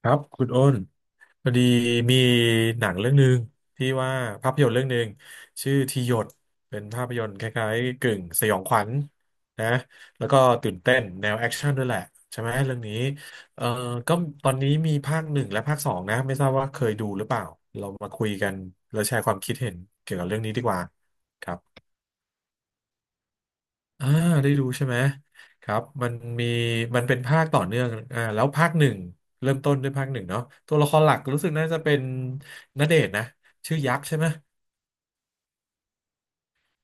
ครับคุณโอ้นพอดีมีหนังเรื่องหนึ่งที่ว่าภาพยนตร์เรื่องหนึ่งชื่อทีหยดเป็นภาพยนตร์คล้ายๆกึ่งสยองขวัญนะแล้วก็ตื่นเต้นแนวแอคชั่นด้วยแหละใช่ไหมเรื่องนี้เอ่อก็ตอนนี้มีภาคหนึ่งและภาคสองนะไม่ทราบว่าเคยดูหรือเปล่าเรามาคุยกันแล้วแชร์ความคิดเห็นเกี่ยวกับเรื่องนี้ดีกว่าครับ อ่าได้ดูใช่ไหมครับมันมีมันเป็นภาคต่อเนื่องแล้วภาคหนึ่งเริ่มต้นด้วยภาคหนึ่งเนาะตัวละครหลักรู้สึกน่าจะเป็นณเดชน์นะชื่อยักษ์ใช่ไหม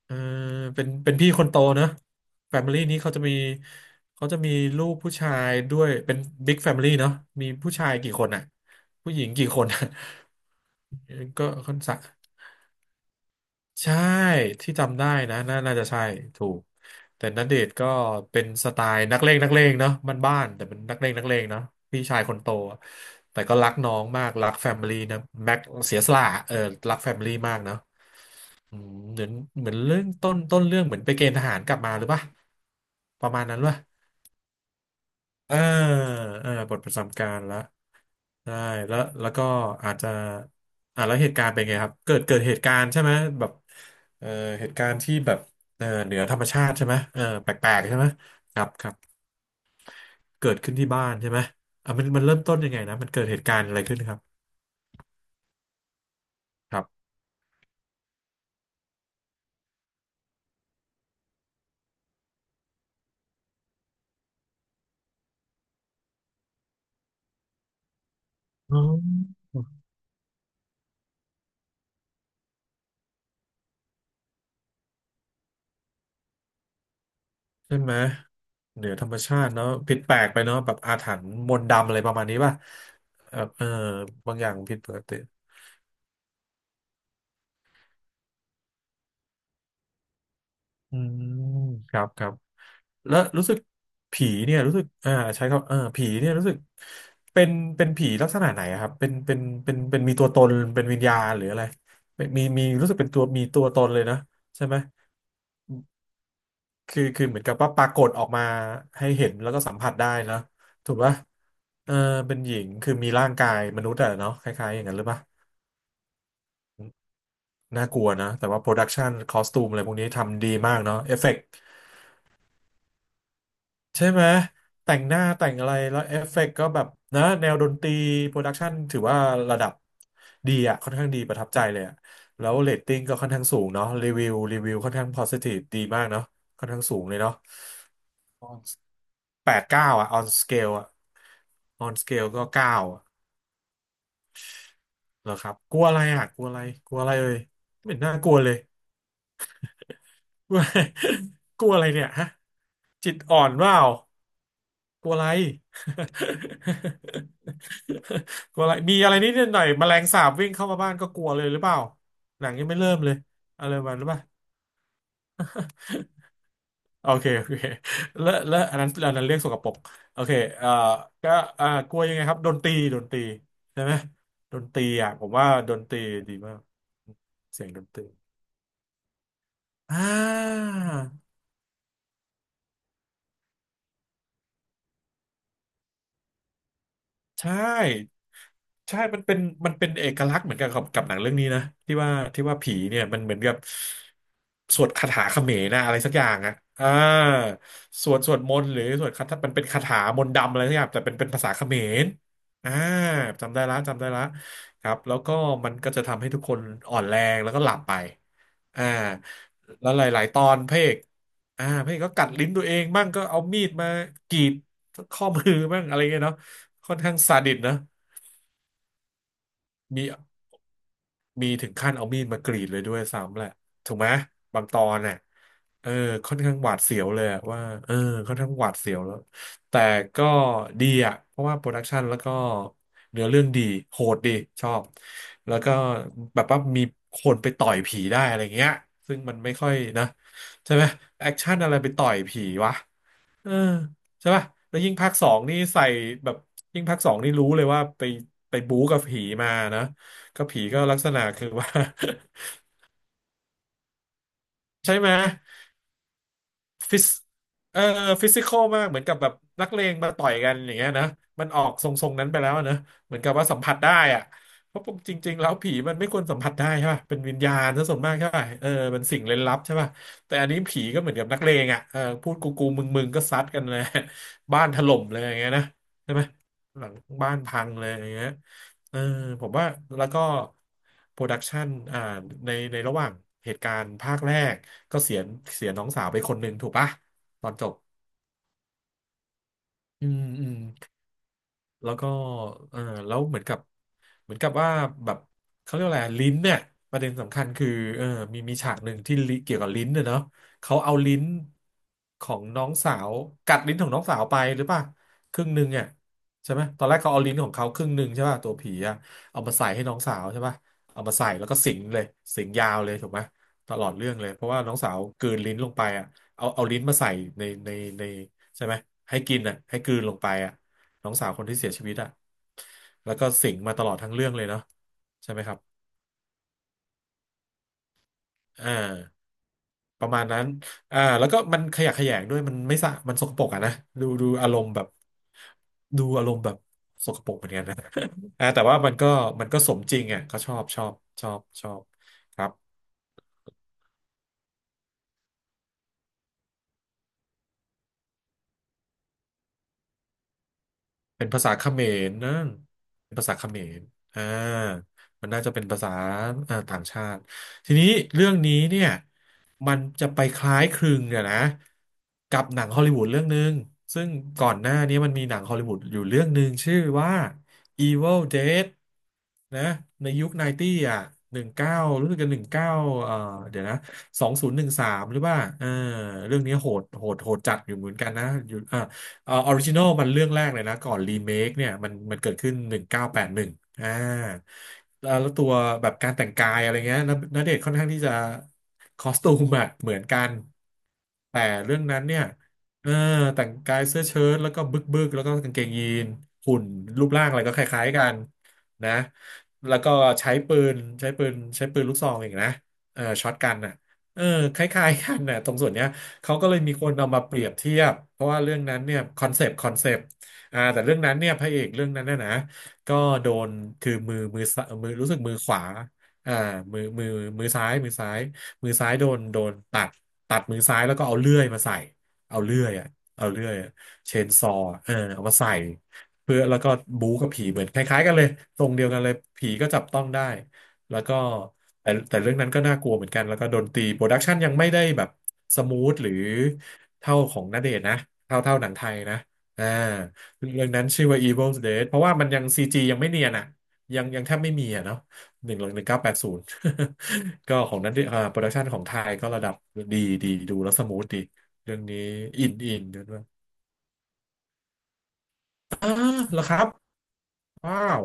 เออเป็นพี่คนโตเนอะแฟมิลี่นี้เขาจะมีลูกผู้ชายด้วยเป็นบิ๊กแฟมิลี่เนาะมีผู้ชายกี่คนอ่ะผู้หญิงกี่คนอะ ก็ค่อนสัก ใช่ที่จำได้นะน่าจะใช่ถูกแต่ณเดชน์ก็เป็นสไตล์นักเลงเนาะมันบ้านๆแต่เป็นนักเลงเนาะพี่ชายคนโตอะแต่ก็รักน้องมากรักแฟมิลี่นะแม็กเสียสละเออรักแฟมิลี่มากเนาะอืมเหมือนเหมือนเรื่องต้นเรื่องเหมือนไปเกณฑ์ทหารกลับมาหรือปะประมาณนั้นวะ อ่าบทประจำการละได้แล้วแล้วก็อาจจะแล้วเหตุการณ์เป็นไงครับเกิดเหตุการณ์ใช่ไหมแบบเอ่อเหตุการณ์ที่แบบเหนือธรรมชาติใช่ไหมเออแปลกๆใช่ไหมครับครับเกิดขึ้นที่บ้านใช่ไหมอ่ะมันเริ่มต้นยังไงนะมันเกิดเหตุการณ์อะไรขึ้นครับครับอ๋อใช่ไหมเหนือธรรมชาติเนาะผิดแปลกไปเนาะแบบอาถรรพ์มนต์ดำอะไรประมาณนี้ป่ะแบบเออบางอย่างผิดปกติอืมครับครับ และรู้สึกผีเนี่ยรู้สึกใช้คำเออผีเนี่ยรู้สึกเป็นเป็นผีลักษณะไหนอะครับเป็นมีตัวตนเป็นวิญญาณหรืออะไรเป็นมีรู้สึกเป็นตัวมีตัวตนเลยนะใช่ไหมคือเหมือนกับว่าปรากฏออกมาให้เห็นแล้วก็สัมผัสได้นะถูกปะเออเป็นหญิงคือมีร่างกายมนุษย์อะเนาะคล้ายๆอย่างนั้นหรือปะน่ากลัวนะแต่ว่าโปรดักชันคอสตูมอะไรพวกนี้ทำดีมากเนาะเอฟเฟกต์ ใช่ไหมแต่งหน้าแต่งอะไรแล้วเอฟเฟกต์ก็แบบนะแนวดนตรีโปรดักชันถือว่าระดับดีอะค่อนข้างดีประทับใจเลยอะแล้วเรตติ้งก็ค่อนข้างสูงเนาะรีวิวค่อนข้าง positive ดีมากเนาะค่อนข้างสูงเลยเนาะ on แปดเก้าอ่ะ on scale อ่ะ on scale ก็เก้าอ่ะเหรอครับกลัวอะไรอ่ะกลัวอะไรกลัวอะไรเลยไม่เห็นน่ากลัวเลย กลัวอะไรเนี่ยฮะจิตอ่อนเปล่า กลัวอะไร กลัวอะไรมีอะไรนิดหน่อยแมลงสาบวิ่งเข้ามาบ้านก็กลัวเลยหรือเปล่า หนังยังไม่เริ่มเลยอะไรประมาณนั้นป่ะโอเคโอเคแล้วอันนั้นอันนั้นเรียกสกปรกโอเคเอ่อก็กลัวยังไงครับดนตรีใช่ไหมดนตรีอ่ะผมว่าดนตรีดีมาก เสียงดนตรีอ่า ใช่ใช่มันเป็นมันเป็นเอกลักษณ์เหมือนกันกับหนังเรื่องนี้นะที่ว่าผีเนี่ยมันเหมือนกับสวดคาถาเขมรนะอะไรสักอย่างอ่ะอ่าสวดมนต์หรือสวดคาถามันเป็นคาถามนต์ดำอะไรสักอย่างแต่เป็นภาษาเขมรอ่าจำได้ละจำได้ละครับแล้วก็มันก็จะทำให้ทุกคนอ่อนแรงแล้วก็หลับไปอ่าแล้วหลายๆตอนพระเอกพระเอกก็กัดลิ้นตัวเองบ้างก็เอามีดมากรีดข้อมือบ้างอะไรเงี้ยเนาะ ค่อนข้างซาดิสนะมีมีถึงขั้นเอามีดมากรีดเลยด้วยซ้ำแหละถูกไหมบางตอนน่ะเออค่อนข้างหวาดเสียวเลยอะว่าเออค่อนข้างหวาดเสียวแล้วแต่ก็ดีอ่ะเพราะว่าโปรดักชันแล้วก็เนื้อเรื่องดีโหดดีชอบแล้วก็แบบว่ามีคนไปต่อยผีได้อะไรเงี้ยซึ่งมันไม่ค่อยนะใช่ไหมแอคชั่นอะไรไปต่อยผีวะ เออใช่ป่ะแล้วยิ่งภาคสองนี่ใส่แบบยิ่งภาคสองนี่รู้เลยว่าไปบู๊กับผีมานะก็ผีก็ลักษณะคือ ว่า ใช่ไหม ฟิสเอ่อฟิสิคอลมาก เหมือนกับแบบนักเลงมาต่อยกันอย่างเงี้ยนะมันออกทรงๆนั้นไปแล้วนะเหมือนกับว่าสัมผัสได้อะเพราะจริงๆแล้วผีมันไม่ควรสัมผัสได้ใช่ป่ะเป็นวิญญาณซะส่วนมากใช่ป่ะเออเป็นสิ่งเร้นลับใช่ป่ะแต่อันนี้ผีก็เหมือนกับนักเลงอ่ะเออพูดกูกูมึงมึงก็ซัดกันเลย บ้านถล่มเลยอย่างเงี้ยนะใช่ไหมหลังบ้านพังเลยอย่างเงี้ยเออผมว่าแล้วก็โปรดักชันอ่าในระหว่างเหตุการณ์ภาคแรก ก็เสียเสียน้องสาวไปคนหนึ่งถูกปะตอนจบอืมอืม แล้วก็เออแล้วเหมือนกับเหมือนกับว่าแบบเขาเรียกว่าอะไรลิ้นเนี่ยประเด็นสำคัญคือเออมีฉากหนึ่งที่ลิเกี่ยวกับลิ้นเนี่ยเนาะเขาเอาลิ้นของน้องสาวกัดลิ้นของน้องสาวไปหรือป่ะครึ่งหนึ่งอ่ะใช่ไหมตอนแรกเขาเอาลิ้นของเขาครึ่งหนึ่งใช่ป่ะตัวผีอ่ะเอามาใส่ให้น้องสาวใช่ป่ะเอามาใส่แล้วก็สิงเลยสิงยาวเลยถูกไหมตลอดเรื่องเลยเพราะว่าน้องสาวกลืนลิ้นลงไปอ่ะเอาเอาลิ้นมาใส่ในในในใช่ไหมให้กินอ่ะให้กลืนลงไปอ่ะ น้องสาวคนที่เสียชีวิตอะแล้วก็สิงมาตลอดทั้งเรื่องเลยเนาะใช่ไหมครับอ่าประมาณนั้นอ่าแล้วก็มันขยะแขยงด้วยมันไม่สะ มันสกปรกอะนะดูอารมณ์แบบดูอารมณ์แบบสกปรกเหมือนกันนะ อ่าแต่ว่ามันก็มันก็สมจริงอ่ะเขชอบชอบชอบชอบครับ เป็นภาษาเขมรนะเป็นภาษาเขมรอ่ามันน่าจะเป็นภาษาอ่าต่างชาติทีนี้เรื่องนี้เนี่ยมันจะไปคล้ายคลึงเนี่ยนะกับหนังฮอลลีวูดเรื่องหนึ่งซึ่งก่อนหน้านี้มันมีหนังฮอลลีวูดอยู่เรื่องหนึ่งชื่อว่า Evil Dead นะในยุค90อ่ะหนึ่งเก้ารู้สึกจะ19เก้าเอ่อเดี๋ยวนะ2013หนึ่งสามหรือว่าเออเรื่องนี้โหดโหดโหดจัดอยู่เหมือนกันนะอยู่ เอ่อออริจินอลมันเรื่องแรกเลยนะก่อนรีเมคเนี่ยมันเกิดขึ้น1981อ่าแล้วตัวแบบการแต่งกายอะไรเงี้ยณณเดชน์ค่อนข้างที่จะคอสตูมอะเหมือนกันแต่เรื่องนั้นเนี่ยเออแต่งกายเสื้อเชิ้ตแล้วก็บึกบึกแล้วก็กางเกงยีนหุ่นรูปร่างอะไรก็คล้ายๆกันนะแล้วก็ใช้ปืนลูกซองอีกนะเออช็อตกันอ่ะเออคล้ายๆกันน่ะตรงส่วนเนี้ย เขาก็เลยมีคนเอามาเปรียบเทียบเพราะว่าเรื่องนั้นเนี่ยคอนเซปต์อ่าแต่เรื่องนั้นเนี่ยพระเอกเรื่องนั้นน่ะนะก็โดนคือมือมือซ้ายมือรู้สึกมือขวาอ่ามือมือมือซ้ายมือซ้ายมือซ้ายโดนตัดตัดมือซ้ายแล้วก็เอาเลื่อยมาใส่เอาเลื่อยอะเอาเลื่อยอเชนซอว์เออเอามาใส่เพื่อแล้วก็บู๊กับผีเหมือนคล้ายๆกันเลยตรงเดียวกันเลยผีก็จับต้องได้แล้วก็ แต่เรื่องนั้นก็น่ากลัวเหมือนกันแล้วก็ดนตรีโปรดักชันยังไม่ได้แบบสมูทหรือเท่าของณเดชน์นะเท่าเท่าหนังไทยนะอ่าเรื่องนั้นชื่อว่า Evil Dead เพราะว่ามันยังซีจียังไม่เนียนอ่ะยังแทบไม่มีอ่ะเนาะ1980 ก็ของนั้นอ่าโปรดักชันของไทยก็ระดับดีดีดูแล้วสมูทดีเรื่องนี้อินอินด้วยว่าอ้าเหรอครับว้าว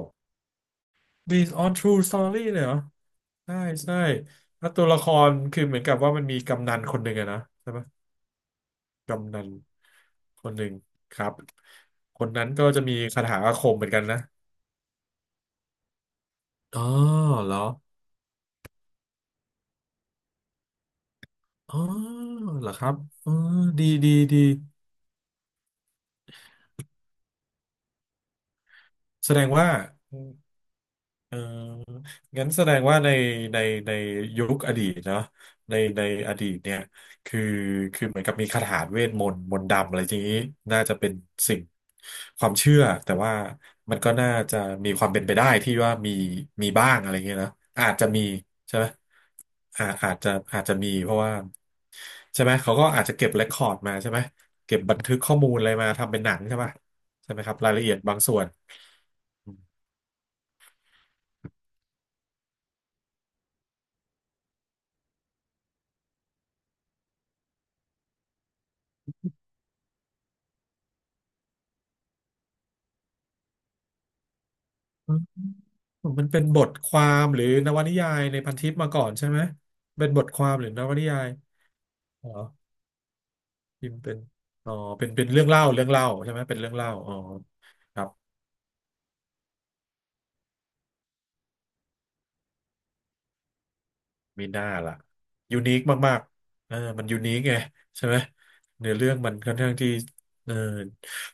based on true story เลยเหรอใช่ใช่แล้วตัวละครคือเหมือนกับว่ามันมีกำนันคนหนึ่งอะนะใช่ไหมกำนันคนหนึ่งครับคนนั้นก็จะมีคาถาอาคมเหมือนกันนะอ๋อเหรออ๋อเหรอครับอ๋อดีดีดีแสดงว่า เอองั้นแสดงว่าในในในยุคอดีตเนาะในในอดีตเนี่ยคือคือเหมือนกับมีคาถาเวทมนต์มนต์ดำอะไรทีนี้น่าจะเป็นสิ่งความเชื่อ แต่ว่ามันก็น่าจะมีความเป็นไปได้ที่ว่ามีมีบ้างอะไรเงี้ยนะอาจจะมีใช่ไหมอาจอาจจะมีเพราะว่าใช่ไหมเขาก็อาจจะเก็บเรคคอร์ดมาใช่ไหมเก็บบันทึกข้อมูลอะไรมาทำเป็นหนังใช่ปะใช่ไหมครับรายละเอียดบางส่วน มันเป็นบทความหรือนวนิยายในพันทิปมาก่อนใช่ไหมเป็นบทความหรือนวนิยายเหรอพิมพ์เป็นอ๋อเป็นเรื่องเล่าเรื่องเล่าใช่ไหมเป็นเรื่องเล่าอ๋อครับมีหน้าล่ะยูนิคมากๆเออมันยูนิคไงใช่ไหมเนื้อเรื่องมันค่อนข้างที่เออ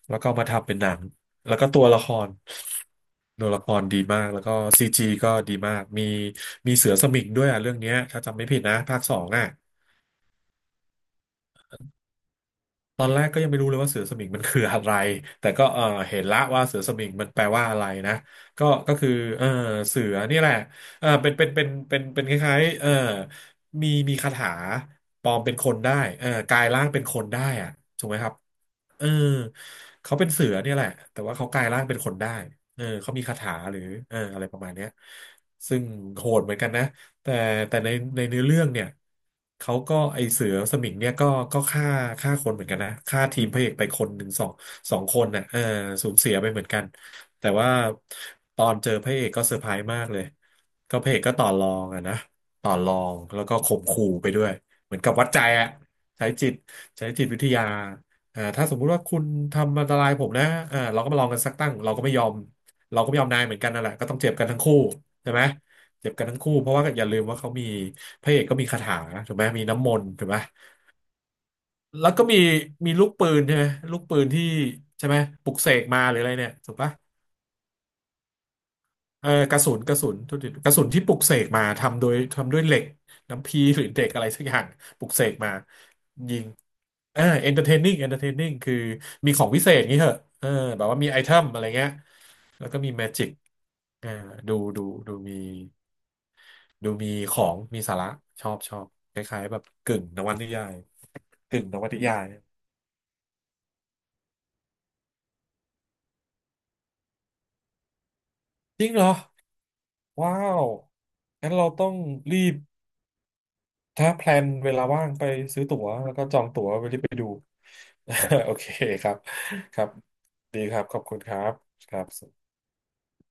แล้วก็เอามาทำเป็นหนังแล้วก็ตัวละครตัวละครดีมากแล้วก็ซีจีก็ดีมากมีเสือสมิงด้วยอ่ะเรื่องเนี้ยถ้าจำไม่ผิดนะภาคสองอ่ะ ตอนแรกก็ยังไม่รู้เลยว่าเสือสมิงมันคืออะไร แต่ก็เออเห็นละว่าเสือสมิงมันแปลว่าอะไรนะ ก็คือเออเสือนี่แหละเออเป็นคล้ายๆเออมีคาถาปลอมเป็นคนได้เออกลายร่างเป็นคนได้อะถูกไหมครับ เออเขาเป็นเสือเนี่ยแหละแต่ว่าเขากลายร่างเป็นคนได้เออเขามีคาถาหรือเอออะไรประมาณเนี้ยซึ่งโหดเหมือนกันนะแต่แต่ในเนื้อเรื่องเนี่ยเขาก็ไอเสือสมิงเนี่ยก็ฆ่าฆ่าคนเหมือนกันนะฆ่าทีมพระเอกไปคนหนึ่งสองสองคนน่ะเออสูญเสียไปเหมือนกันแต่ว่าตอนเจอพระเอกก็เซอร์ไพรส์มากเลยก็พระเอกก็ต่อรองอะนะต่อรองแล้วก็ข่มขู่ไปด้วยเหมือนกับวัดใจอะใช้จิตใช้จิตวิทยา อ่าถ้าสมมุติว่าคุณทำอันตรายผมนะอ่าเราก็มาลองกันสักตั้งเราก็ไม่ยอมเราก็ไม่ยอมนายเหมือนกันนั่นแหละก็ต้องเจ็บกันทั้งคู่ใช่ไหมเจ็บกันทั้งคู่เพราะว่าอย่าลืมว่าเขามีพระเอกก็มีคาถาถูกไหมมีน้ำมนต์ถูกไหมแล้วก็มีลูกปืนใช่ไหมลูกปืนที่ใช่ไหมปลุกเสกมาหรืออะไรเนี่ยถูกปะ เออกระสุนกระสุนโทกทีกระสุนที่ปลุกเสกมาทำโดยทำด้วยเหล็กน้ำพีหรือเด็กอะไรสักอย่างปลุกเสกมายิงเออ e อนเตอร์เทนนิงเอนเตอร์เทนนิงคือมีของวิเศษงี้เหอะเออแบบว่ามีไอเทมอะไรเงี้ยแล้วก็มีแมจิกเออดูดูดูมีดูมีของมีสาระชอบชอบคล้ายๆแบบกึ่งนวนิยายกึ่งนวนิยายจริงเหรอว้าวงั้นเราต้องรีบ ถ้าแพลนเวลาว่างไปซื้อตั๋วแล้วก็จองตั๋วไปที่ไปดู โอเคครับครับดีครับขอบคุณครับครับ